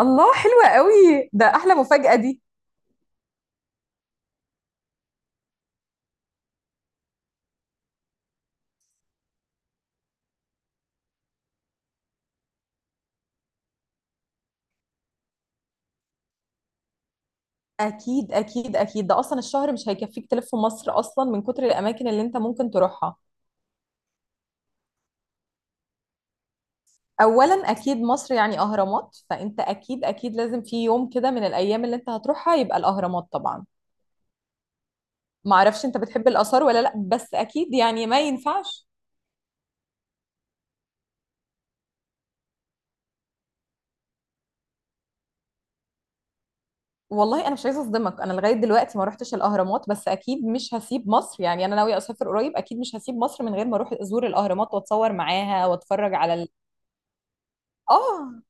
الله، حلوة قوي ده. احلى مفاجأة دي. اكيد اكيد اكيد، ده اصلا الشهر مش هيكفيك تلف في مصر اصلا من كتر الاماكن اللي انت ممكن تروحها. اولا اكيد مصر يعني اهرامات، فانت اكيد اكيد لازم في يوم كده من الايام اللي انت هتروحها يبقى الاهرامات طبعا. معرفش انت بتحب الاثار ولا لا، بس اكيد يعني ما ينفعش. والله انا مش عايزه اصدمك، انا لغايه دلوقتي ما روحتش الاهرامات، بس اكيد مش هسيب مصر. يعني انا ناويه اسافر قريب، اكيد مش هسيب مصر من غير ما اروح ازور الاهرامات واتصور معاها واتفرج على اه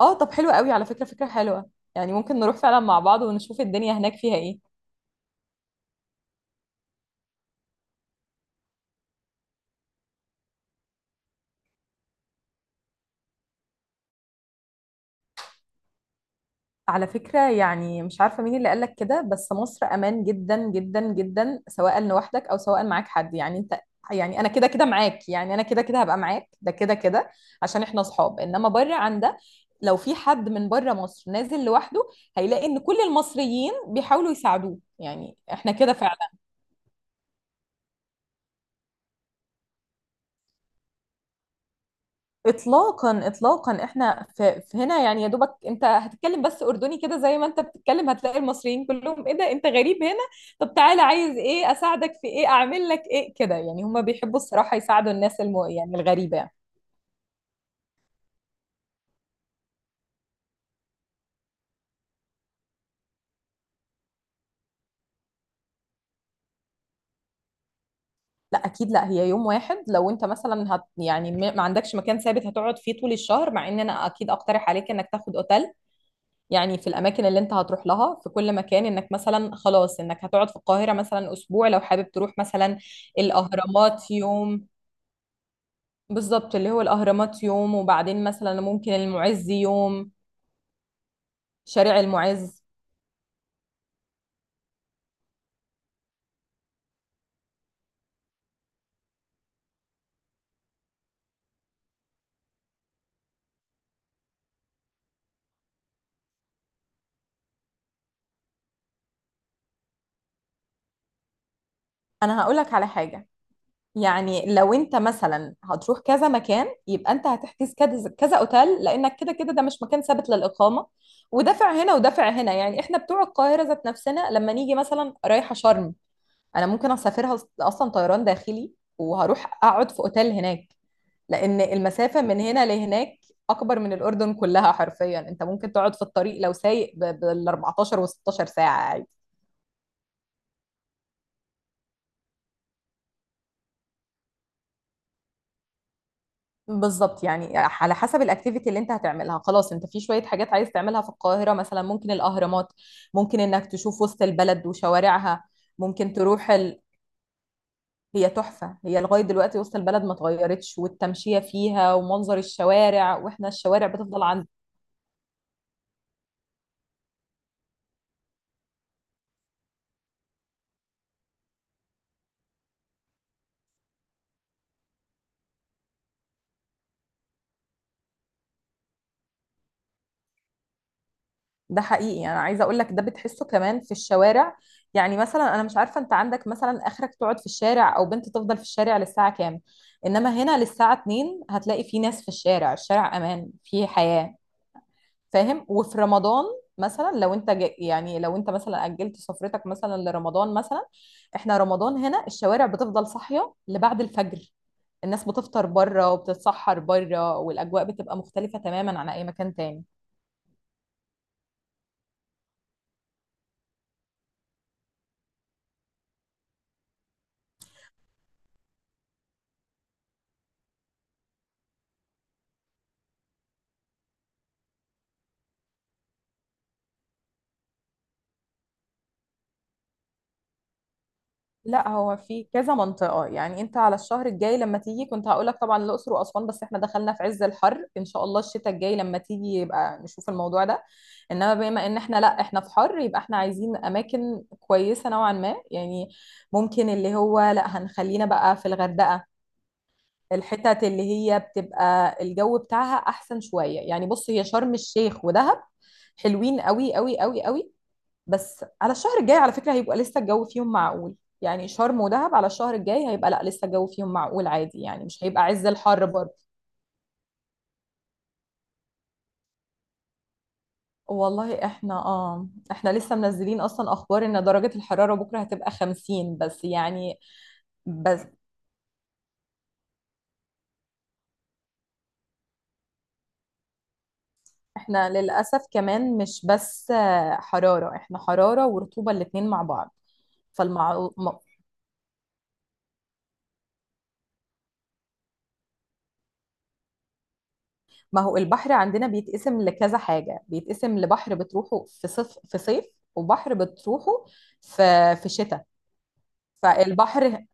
اه، طب حلو قوي. على فكرة فكرة حلوة. يعني ممكن نروح فعلا مع بعض ونشوف الدنيا هناك فيها ايه. على فكرة، يعني مش عارفة مين اللي قالك كده، بس مصر امان جدا جدا جدا، سواء لوحدك او سواء معاك حد، يعني انت. يعني انا كده كده معاك، يعني انا كده كده هبقى معاك ده كده كده، عشان احنا اصحاب، انما بره عن ده. لو في حد من بره مصر نازل لوحده هيلاقي ان كل المصريين بيحاولوا يساعدوه، يعني احنا كده. اطلاقا اطلاقا، احنا في هنا، يعني يا دوبك انت هتتكلم بس اردني كده زي ما انت بتتكلم هتلاقي المصريين كلهم، ايه ده انت غريب هنا؟ طب تعالى، عايز ايه، اساعدك في ايه، اعمل لك ايه كده. يعني هم بيحبوا الصراحة يساعدوا الناس يعني الغريبة يعني. لا اكيد لا، هي يوم واحد. لو انت مثلا يعني ما عندكش مكان ثابت هتقعد فيه طول الشهر، مع ان انا اكيد اقترح عليك انك تاخد اوتيل. يعني في الاماكن اللي انت هتروح لها في كل مكان، انك مثلا خلاص انك هتقعد في القاهرة مثلا اسبوع، لو حابب تروح مثلا الاهرامات يوم. بالظبط، اللي هو الأهرامات يوم وبعدين مثلا ممكن المعز يوم، شارع المعز. أنا هقولك على حاجة، يعني لو أنت مثلا هتروح كذا مكان يبقى أنت هتحجز كذا كذا أوتيل، لأنك كده كده ده مش مكان ثابت للإقامة، ودافع هنا ودافع هنا. يعني إحنا بتوع القاهرة ذات نفسنا لما نيجي مثلا رايحة شرم، أنا ممكن أسافرها أصلا طيران داخلي وهروح أقعد في أوتيل هناك، لان المسافه من هنا لهناك اكبر من الاردن كلها حرفيا. انت ممكن تقعد في الطريق لو سايق بال 14 و16 ساعه عادي. بالظبط يعني على حسب الاكتيفيتي اللي انت هتعملها، خلاص انت في شويه حاجات عايز تعملها في القاهره، مثلا ممكن الاهرامات، ممكن انك تشوف وسط البلد وشوارعها، ممكن تروح هي تحفه. هي لغايه دلوقتي وسط البلد ما اتغيرتش، والتمشيه فيها ومنظر الشوارع، واحنا الشوارع بتفضل عند. ده حقيقي، انا عايزه اقول لك ده بتحسه كمان في الشوارع. يعني مثلا انا مش عارفه انت عندك مثلا اخرك تقعد في الشارع او بنت تفضل في الشارع للساعه كام، انما هنا للساعه 2 هتلاقي في ناس في الشارع، الشارع امان، في حياه. فاهم؟ وفي رمضان مثلا، لو انت يعني لو انت مثلا اجلت سفرتك مثلا لرمضان مثلا، احنا رمضان هنا الشوارع بتفضل صاحيه لبعد الفجر. الناس بتفطر بره وبتتسحر بره، والاجواء بتبقى مختلفه تماما عن اي مكان تاني. لا هو في كذا منطقة. يعني انت على الشهر الجاي لما تيجي كنت هقولك طبعا الأقصر وأسوان، بس احنا دخلنا في عز الحر. ان شاء الله الشتاء الجاي لما تيجي يبقى نشوف الموضوع ده، انما بما ان احنا لا احنا في حر يبقى احنا عايزين اماكن كويسة نوعا ما يعني. ممكن اللي هو، لا هنخلينا بقى في الغردقة، الحتت اللي هي بتبقى الجو بتاعها احسن شوية يعني. بص، هي شرم الشيخ ودهب حلوين قوي قوي قوي قوي، بس على الشهر الجاي على فكرة هيبقى لسه الجو فيهم معقول. يعني شرم ودهب على الشهر الجاي هيبقى، لا لسه الجو فيهم معقول عادي، يعني مش هيبقى عز الحر برضه. والله احنا لسه منزلين اصلا اخبار ان درجة الحرارة بكرة هتبقى 50، بس يعني. بس احنا للأسف كمان مش بس حرارة، احنا حرارة ورطوبة الاتنين مع بعض. فالمع ما، ما هو البحر عندنا بيتقسم لكذا حاجة، بيتقسم لبحر بتروحه في صيف، وبحر بتروحه في شتاء. فالبحر،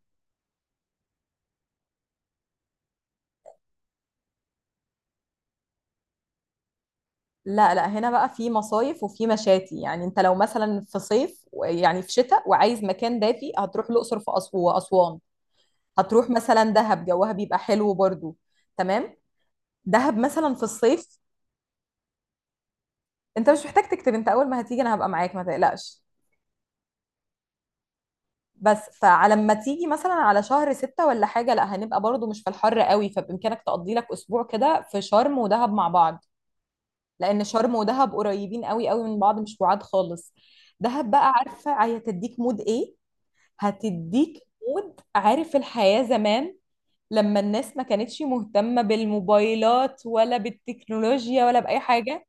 لا لا، هنا بقى في مصايف وفي مشاتي. يعني انت لو مثلا في صيف، يعني في شتاء وعايز مكان دافي هتروح الاقصر واسوان، هتروح مثلا دهب جوها بيبقى حلو برضو. تمام. دهب مثلا في الصيف. انت مش محتاج تكتب، انت اول ما هتيجي انا هبقى معاك ما تقلقش. بس فعلى ما تيجي مثلا على شهر ستة ولا حاجة لا هنبقى برضو مش في الحر قوي، فبإمكانك تقضي لك أسبوع كده في شرم ودهب مع بعض، لان شرم ودهب قريبين قوي قوي من بعض مش بعاد خالص. دهب بقى عارفه هي هتديك مود ايه. هتديك مود، عارف، الحياه زمان لما الناس ما كانتش مهتمه بالموبايلات ولا بالتكنولوجيا ولا باي حاجه.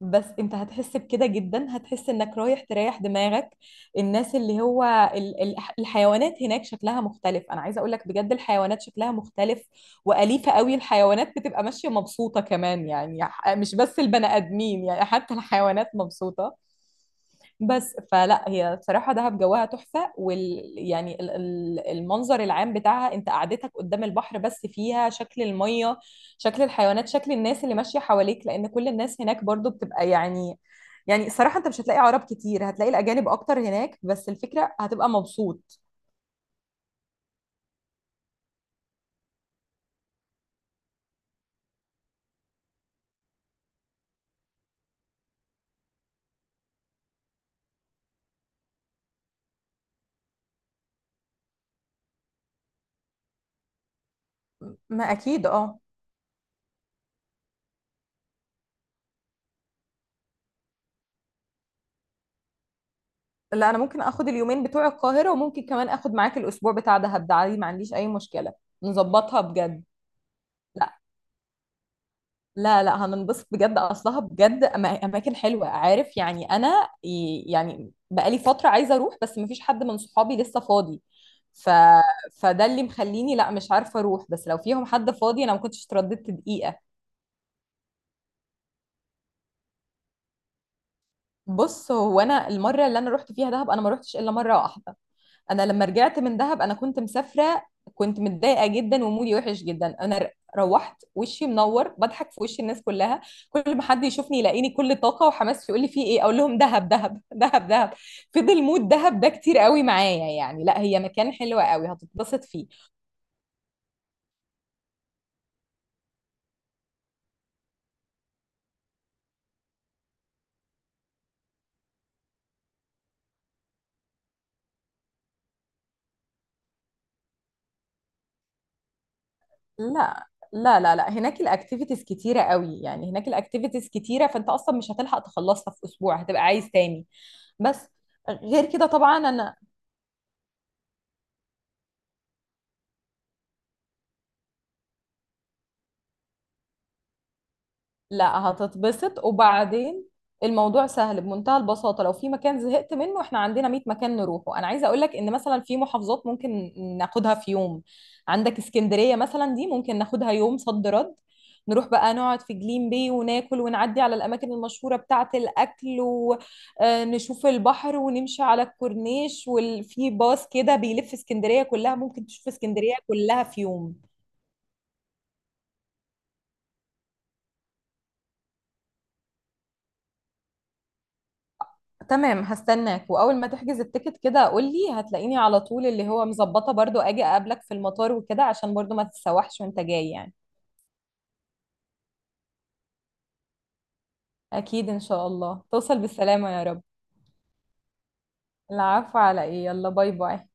بس انت هتحس بكده جدا، هتحس انك رايح تريح دماغك. الناس اللي هو الحيوانات هناك شكلها مختلف. انا عايزه اقول لك بجد الحيوانات شكلها مختلف، واليفه قوي، الحيوانات بتبقى ماشيه مبسوطه كمان يعني، مش بس البني ادمين يعني، حتى الحيوانات مبسوطه. بس فلا هي بصراحة دهب جواها تحفة، وال يعني المنظر العام بتاعها، انت قعدتك قدام البحر، بس فيها شكل المية، شكل الحيوانات، شكل الناس اللي ماشية حواليك، لأن كل الناس هناك برضو بتبقى يعني، يعني الصراحة أنت مش هتلاقي عرب كتير، هتلاقي الأجانب أكتر هناك، بس الفكرة هتبقى مبسوط. ما أكيد أه. لا أنا ممكن آخد اليومين بتوع القاهرة وممكن كمان آخد معاك الأسبوع بتاع دهب، ده عادي ما عنديش أي مشكلة. نظبطها بجد. لا لا هننبسط بجد، اصلها بجد اماكن حلوه عارف. يعني انا يعني بقالي فتره عايزه اروح، بس مفيش حد من صحابي لسه فاضي، ف... فده اللي مخليني لا مش عارفه اروح، بس لو فيهم حد فاضي انا ما كنتش اترددت دقيقه. بص هو انا المره اللي انا رحت فيها دهب، انا ما رحتش الا مره واحده. انا لما رجعت من دهب انا كنت مسافره، كنت متضايقه جدا ومودي وحش جدا، انا روحت وشي منور بضحك في وش الناس كلها، كل ما حد يشوفني يلاقيني كل طاقه وحماس يقول لي في ايه، اقول لهم دهب دهب دهب دهب. فضل مود دهب ده كتير قوي معايا يعني. لا هي مكان حلو قوي هتتبسط فيه. لا لا لا لا، هناك الاكتيفيتيز كتيره قوي، يعني هناك الاكتيفيتيز كتيره، فانت اصلا مش هتلحق تخلصها في اسبوع، هتبقى عايز تاني، بس غير كده طبعا انا. لا هتتبسط وبعدين، الموضوع سهل بمنتهى البساطة، لو في مكان زهقت منه احنا عندنا 100 مكان نروحه. انا عايزة اقولك ان مثلا في محافظات ممكن ناخدها في يوم، عندك اسكندرية مثلا دي ممكن ناخدها يوم صد رد، نروح بقى نقعد في جليم بي وناكل ونعدي على الأماكن المشهورة بتاعة الأكل ونشوف البحر ونمشي على الكورنيش، وفي باص كده بيلف اسكندرية كلها ممكن تشوف اسكندرية كلها في يوم. تمام هستناك، واول ما تحجز التيكت كده قول لي هتلاقيني على طول، اللي هو مظبطه برضو اجي اقابلك في المطار وكده، عشان برضو ما تتسوحش وانت جاي يعني. اكيد ان شاء الله توصل بالسلامه يا رب. العفو على ايه، يلا باي باي.